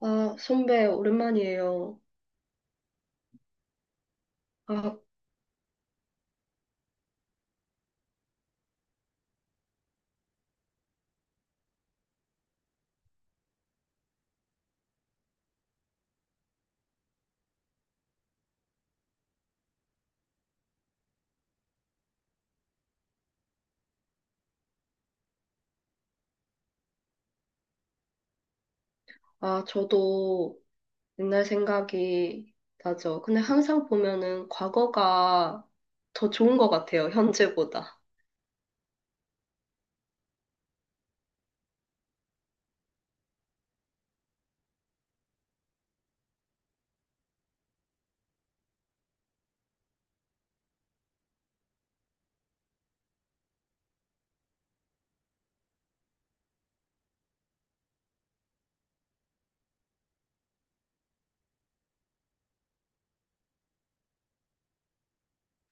아, 선배, 오랜만이에요. 아, 저도 옛날 생각이 나죠. 근데 항상 보면은 과거가 더 좋은 것 같아요, 현재보다.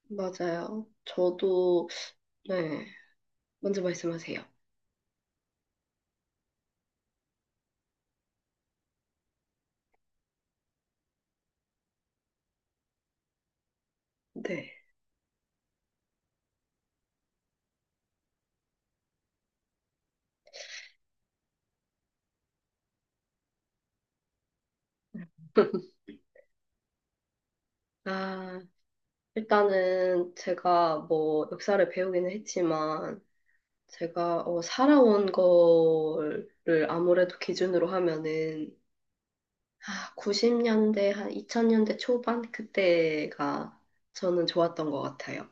맞아요. 저도, 네. 먼저 말씀하세요. 네. 아, 일단은 제가 뭐 역사를 배우기는 했지만, 제가 살아온 거를 아무래도 기준으로 하면은 아, 90년대, 한 2000년대 초반? 그때가 저는 좋았던 것 같아요.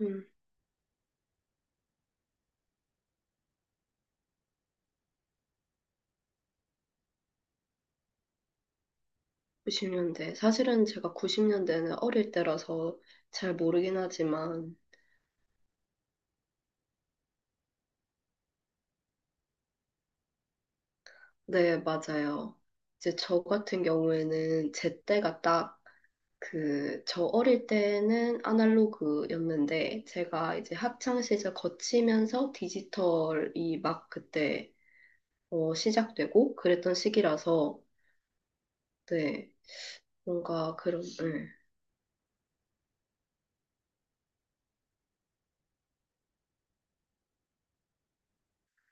음, 90년대. 사실은 제가 90년대는 어릴 때라서 잘 모르긴 하지만, 네, 맞아요. 이제 저 같은 경우에는 제 때가 딱 그, 저 어릴 때는 아날로그였는데, 제가 이제 학창 시절 거치면서 디지털이 막 그때 시작되고 그랬던 시기라서, 네, 뭔가 그런, 네.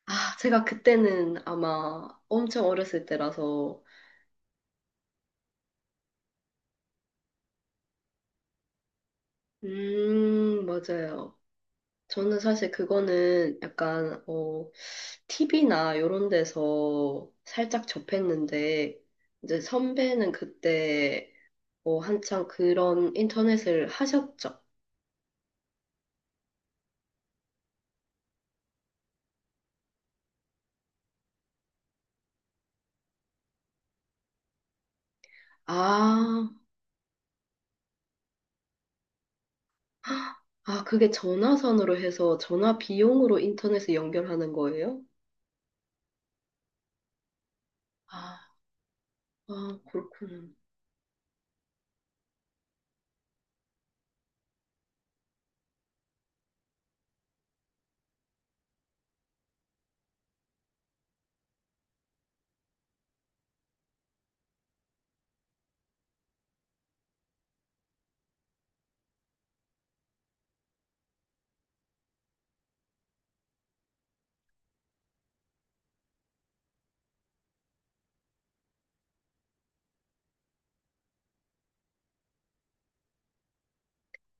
아, 제가 그때는 아마 엄청 어렸을 때라서, 맞아요. 저는 사실 그거는 약간, 어, TV나 이런 데서 살짝 접했는데, 이제 선배는 그때, 한창 그런 인터넷을 하셨죠. 아, 그게 전화선으로 해서 전화 비용으로 인터넷을 연결하는 거예요? 아, 아, 그렇구나.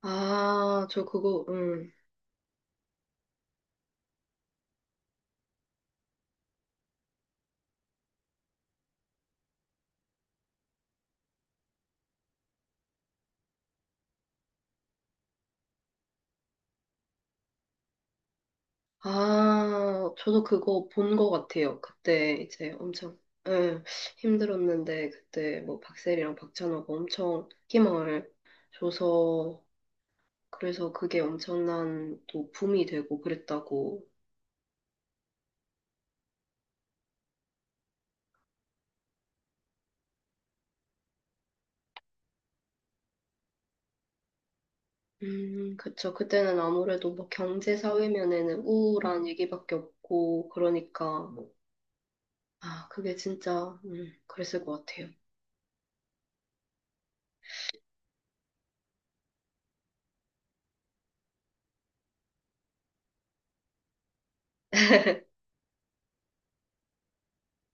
아, 저 그거, 아, 저도 그거 본 것 같아요. 그때 이제 엄청 예, 힘들었는데 그때 뭐 박세리랑 박찬호가 엄청 힘을 줘서 그래서 그게 엄청난 또 붐이 되고 그랬다고. 그쵸. 그때는 아무래도 뭐 경제 사회면에는 우울한 얘기밖에 없고 그러니까 뭐, 아, 그게 진짜 그랬을 것 같아요.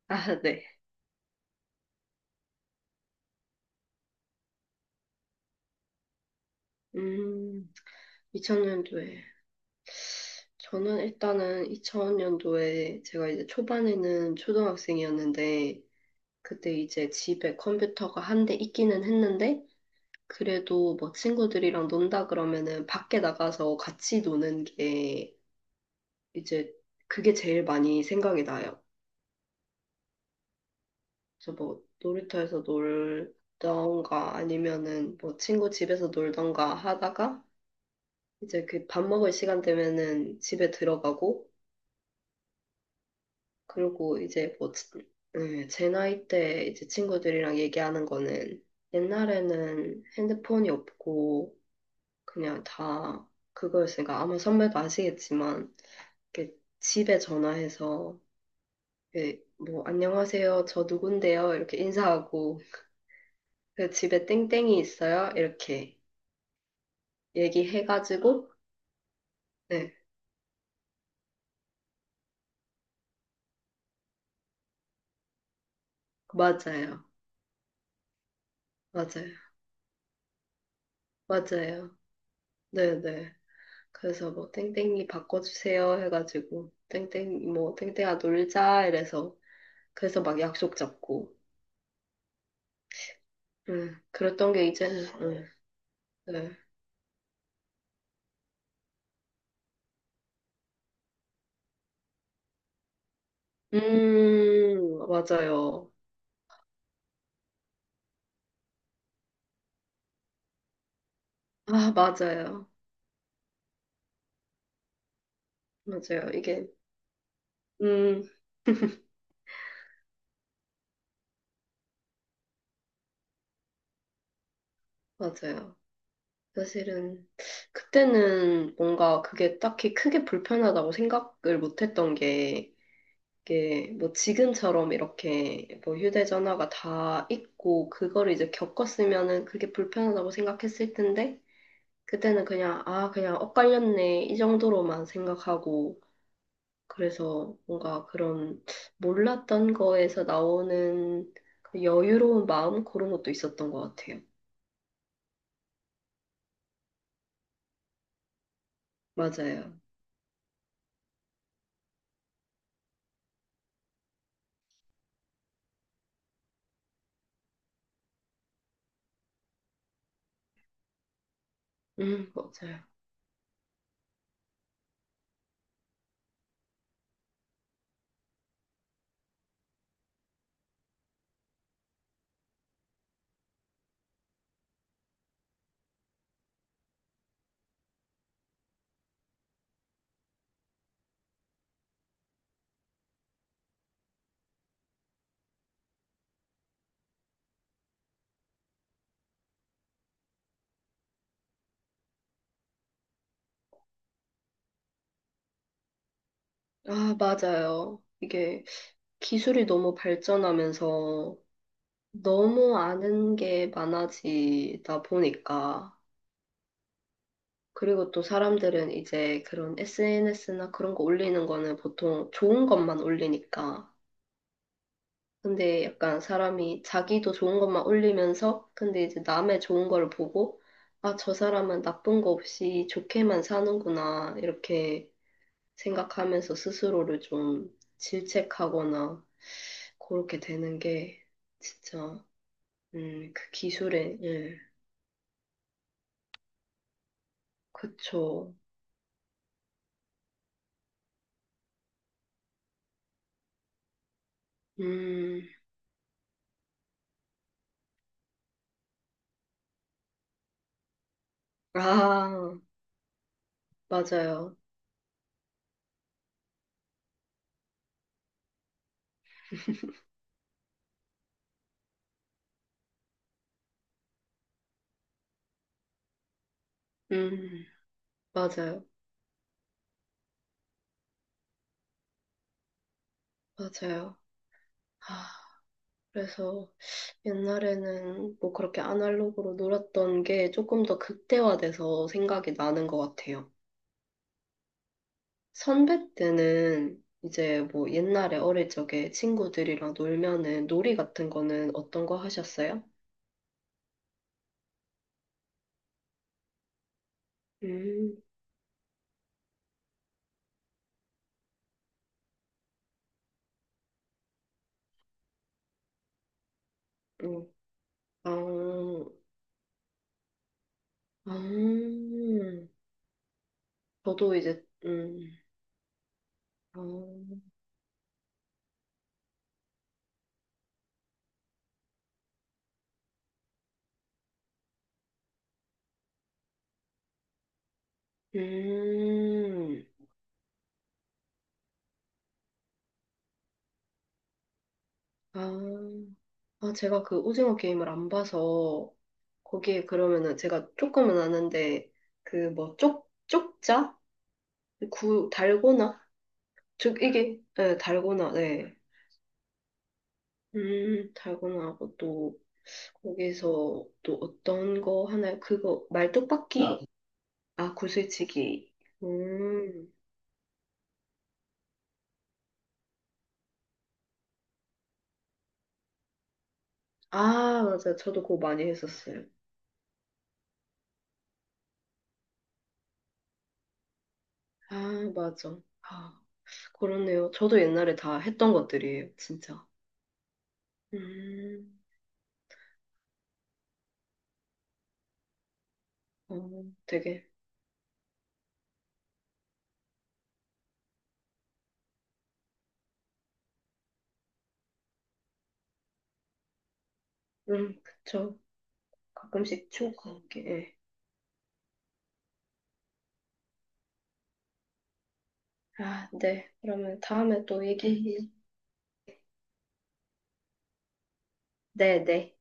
아, 네. 음, 2000년도에. 저는 일단은 2000년도에 제가 이제 초반에는 초등학생이었는데 그때 이제 집에 컴퓨터가 한 대 있기는 했는데 그래도 뭐 친구들이랑 논다 그러면은 밖에 나가서 같이 노는 게 이제 그게 제일 많이 생각이 나요. 그래서 뭐 놀이터에서 놀던가 아니면은 뭐 친구 집에서 놀던가 하다가 이제 그 밥 먹을 시간 되면은 집에 들어가고 그리고 이제 뭐, 네, 제 나이 때 이제 친구들이랑 얘기하는 거는 옛날에는 핸드폰이 없고 그냥 다 그거였으니까 아마 선배도 아시겠지만 이렇게 집에 전화해서 이렇게 뭐 안녕하세요 저 누군데요 이렇게 인사하고 그 집에 땡땡이 있어요 이렇게 얘기해가지고 네 맞아요 맞아요 맞아요 네네 그래서 뭐 땡땡이 바꿔주세요 해가지고 땡땡 뭐 땡땡아 놀자 이래서 그래서 막 약속 잡고 그랬던 게 이제는 네. 맞아요 아 맞아요 맞아요 이게 음 맞아요 사실은 그때는 뭔가 그게 딱히 크게 불편하다고 생각을 못했던 게 이게 뭐 지금처럼 이렇게 뭐 휴대전화가 다 있고 그걸 이제 겪었으면은 그게 불편하다고 생각했을 텐데 그때는 그냥 아 그냥 엇갈렸네 이 정도로만 생각하고 그래서 뭔가 그런 몰랐던 거에서 나오는 그 여유로운 마음 그런 것도 있었던 것 같아요. 맞아요. 맞아요. 아, 맞아요. 이게 기술이 너무 발전하면서 너무 아는 게 많아지다 보니까, 그리고 또 사람들은 이제 그런 SNS나 그런 거 올리는 거는 보통 좋은 것만 올리니까. 근데 약간 사람이 자기도 좋은 것만 올리면서, 근데 이제 남의 좋은 걸 보고, 아, 저 사람은 나쁜 거 없이 좋게만 사는구나, 이렇게 생각하면서 스스로를 좀 질책하거나, 그렇게 되는 게 진짜, 그 기술의, 예, 그쵸. 음, 아, 맞아요. 음, 맞아요. 맞아요. 아, 그래서 옛날에는 뭐 그렇게 아날로그로 놀았던 게 조금 더 극대화돼서 생각이 나는 것 같아요. 선배 때는 이제 뭐 옛날에 어릴 적에 친구들이랑 놀면은 놀이 같은 거는 어떤 거 하셨어요? 음, 음, 아, 아, 저도 이제, 아, 음, 아. 아, 제가 그 오징어 게임을 안 봐서, 거기에 그러면은 제가 조금은 아는데, 그 뭐, 쪽자? 구, 달고나? 즉, 이게, 네, 달고나, 네. 달고나하고 또, 거기서 또 어떤 거 하나요? 그거, 말뚝박기? 아, 아, 구슬치기. 음, 아, 맞아요. 저도 그거 많이 했었어요. 아, 맞아. 아, 그렇네요. 저도 옛날에 다 했던 것들이에요, 진짜. 음, 어, 되게. 그쵸. 가끔씩 추억 관계. 예. 아, 네. 그러면 다음에 또 얘기. 네, 네.